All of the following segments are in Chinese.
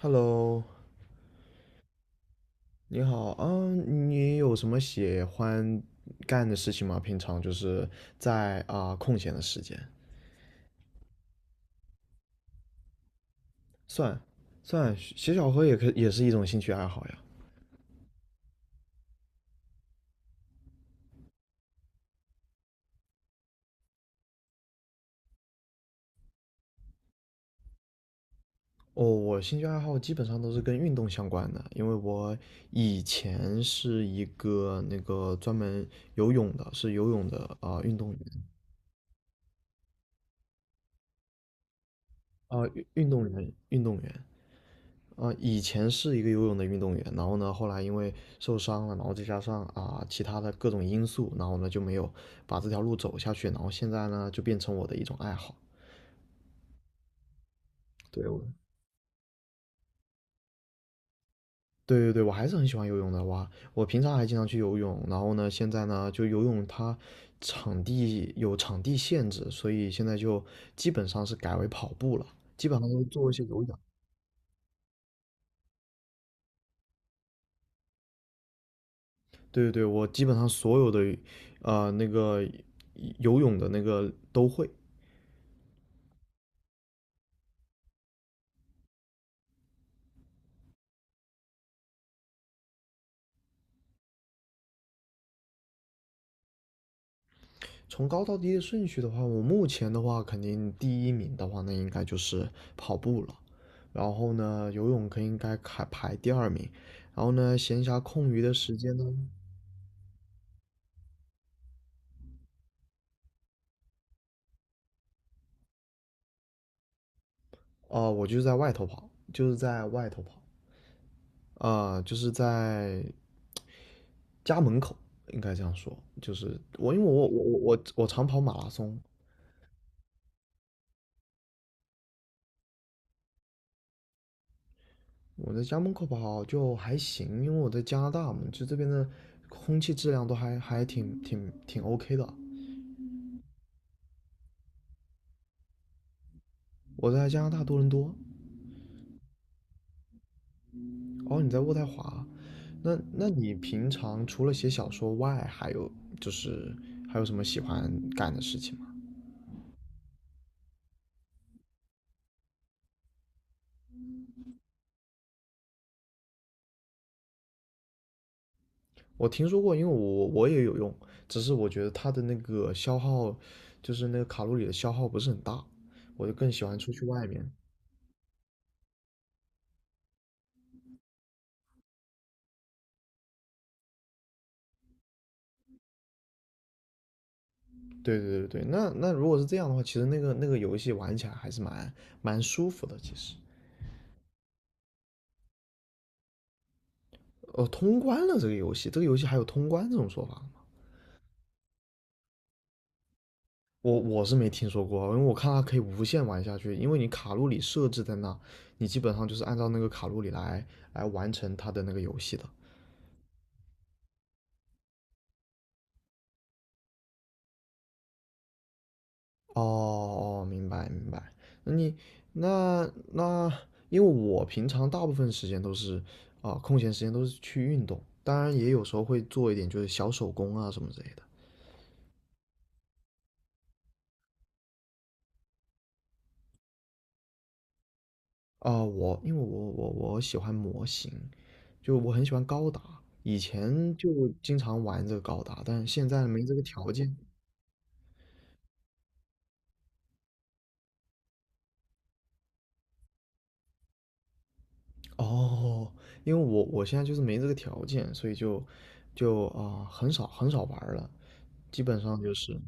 Hello，你好啊，你有什么喜欢干的事情吗？平常就是在空闲的时间，算算写小说也也是一种兴趣爱好呀。哦，我兴趣爱好基本上都是跟运动相关的，因为我以前是一个那个专门游泳的，是游泳的运动员运动员。啊，以前是一个游泳的运动员，然后呢，后来因为受伤了，然后再加上其他的各种因素，然后呢就没有把这条路走下去，然后现在呢就变成我的一种爱好。对，我对对对，我还是很喜欢游泳的哇！我平常还经常去游泳，然后呢，现在呢就游泳它场地限制，所以现在就基本上是改为跑步了，基本上都做一些有氧。对对对，我基本上所有的那个游泳的那个都会。从高到低的顺序的话，我目前的话，肯定第一名的话，那应该就是跑步了。然后呢，游泳应该排第二名。然后呢，闲暇空余的时间呢，我就是在外头跑，就是在家门口，应该这样说。就是我，因为我常跑马拉松，我在家门口跑就还行，因为我在加拿大嘛，就这边的空气质量都还挺挺 OK 的。我在加拿大多伦多，哦，你在渥太华，那你平常除了写小说外，还有就是还有什么喜欢干的事情吗？我听说过，因为我也有用，只是我觉得它的那个消耗，就是那个卡路里的消耗不是很大，我就更喜欢出去外面。对对对对，那如果是这样的话，其实那个游戏玩起来还是蛮舒服的，其实。哦，通关了这个游戏，这个游戏还有通关这种说法。我是没听说过啊，因为我看它可以无限玩下去，因为你卡路里设置在那，你基本上就是按照那个卡路里来来完成它的那个游戏的。哦哦，明白明白。那你那那，因为我平常大部分时间都是空闲时间都是去运动，当然也有时候会做一点就是小手工啊什么之类的。我因为我喜欢模型，就我很喜欢高达，以前就经常玩这个高达，但现在没这个条件。哦，因为我现在就是没这个条件，所以就很少很少玩儿了，基本上就是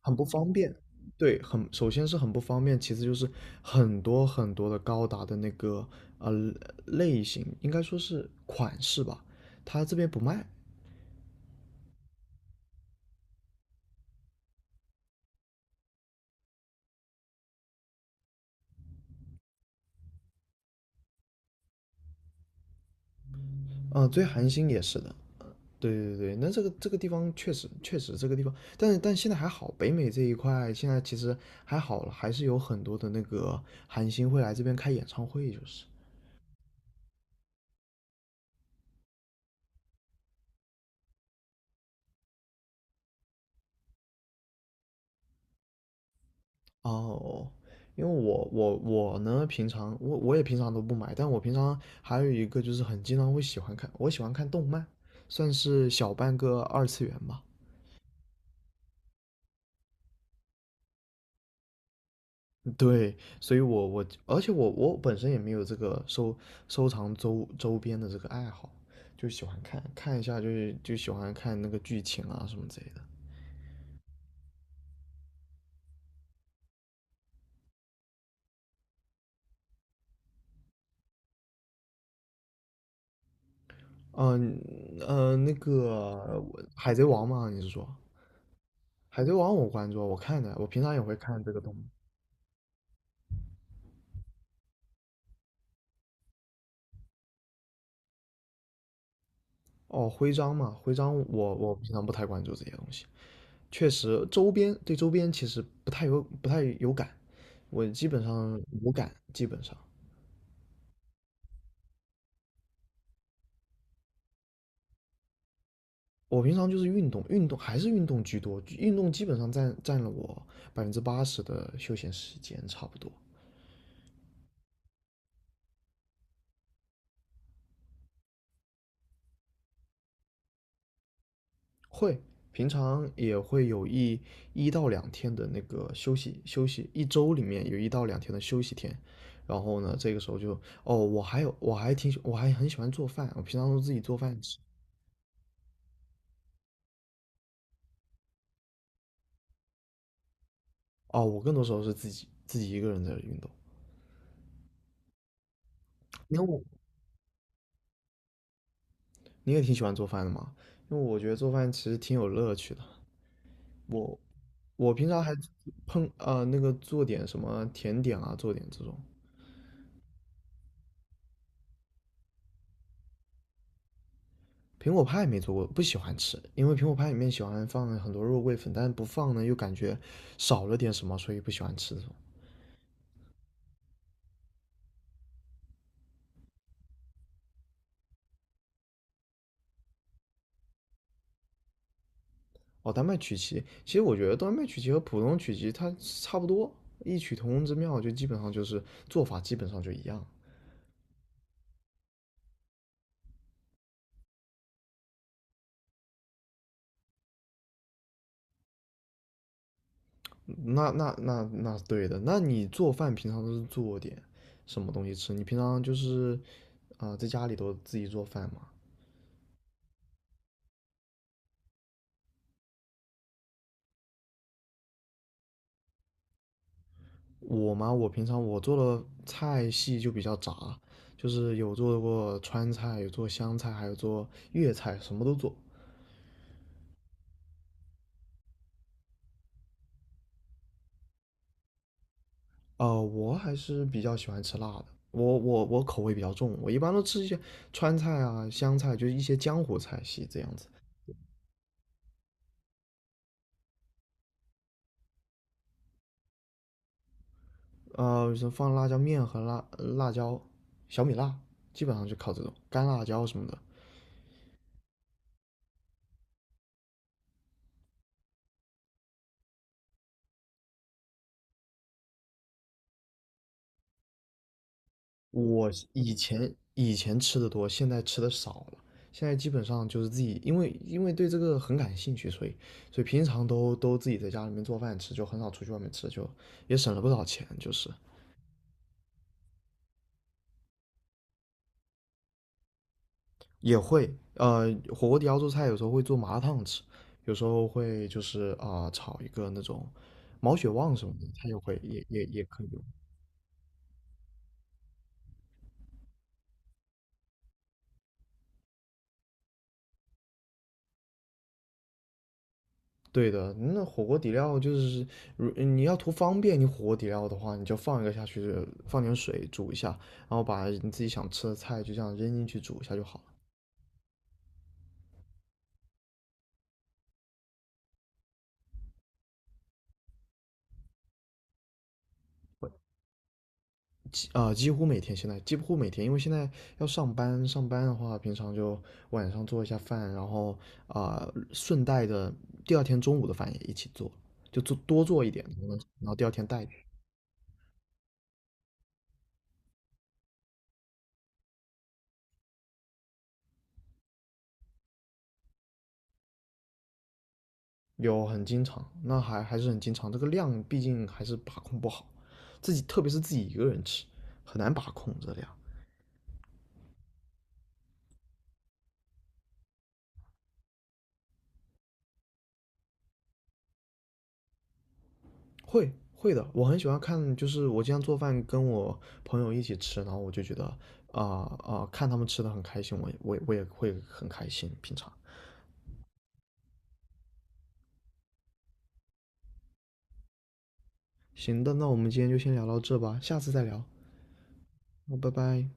很不方便。对，很首先是很不方便，其次就是很多的高达的那个呃类型，应该说是款式吧，它这边不卖。最寒星也是的。对对对，那这个这个地方确实确实这个地方，但是现在还好，北美这一块现在其实还好了，还是有很多的那个韩星会来这边开演唱会，就是。哦，因为我呢，平常都不买，但我平常还有一个就是很经常会喜欢看，我喜欢看动漫，算是小半个二次元吧。对，所以我而且我本身也没有这个收藏周边的这个爱好，就喜欢看一下，就是喜欢看那个剧情啊什么之类的。嗯那个我海贼王嘛，你是说海贼王我关注啊，我看的，我平常也会看这个动漫。哦，徽章嘛，徽章我平常不太关注这些东西，确实周边其实不太有感，我基本上无感，基本上我平常就是运动，运动还是运动居多，运动基本上占了我80%的休闲时间差不多，会平常也会有一到两天的那个休息休息，一周里面有一到两天的休息天，然后呢，这个时候就哦，我还有我还挺喜我还很喜欢做饭，我平常都自己做饭吃。哦，我更多时候是自己一个人在运动，因为我你也挺喜欢做饭的嘛，因为我觉得做饭其实挺有乐趣的。我我平常还那个做点什么甜点啊，做点这种苹果派没做过，不喜欢吃，因为苹果派里面喜欢放很多肉桂粉，但是不放呢又感觉少了点什么，所以不喜欢吃这种。哦，丹麦曲奇，其实我觉得丹麦曲奇和普通曲奇它差不多，异曲同工之妙，就基本上就是做法基本上就一样。那是对的。那你做饭平常都是做点什么东西吃？你平常就是在家里都自己做饭吗？我嘛，我平常我做的菜系就比较杂，就是有做过川菜，有做湘菜，还有做粤菜，什么都做。我还是比较喜欢吃辣的，我口味比较重，我一般都吃一些川菜、湘菜，就是一些江湖菜系这样子。是放辣椒面和辣椒、小米辣，基本上就靠这种干辣椒什么的。我以前吃的多，现在吃的少了。现在基本上就是自己，因为对这个很感兴趣，所以所以平常都自己在家里面做饭吃，就很少出去外面吃，就也省了不少钱。就是也会火锅底料做菜有时候会做麻辣烫吃，有时候会就是炒一个那种毛血旺什么的，它也会也也也可以用。对的，那火锅底料就是，如你要图方便，你火锅底料的话，你就放一个下去，放点水煮一下，然后把你自己想吃的菜就这样扔进去煮一下就好了。几乎每天现在几乎每天，因为现在要上班，上班的话，平常就晚上做一下饭，然后啊、顺带的第二天中午的饭也一起做，就做多做一点，然后第二天带着有很经常，那还是很经常。这个量毕竟还是把控不好，自己特别是自己一个人吃，很难把控这量。会的，我很喜欢看，就是我经常做饭跟我朋友一起吃，然后我就觉得啊啊、看他们吃的很开心，我也会很开心。平常行的，那我们今天就先聊到这吧，下次再聊，拜拜。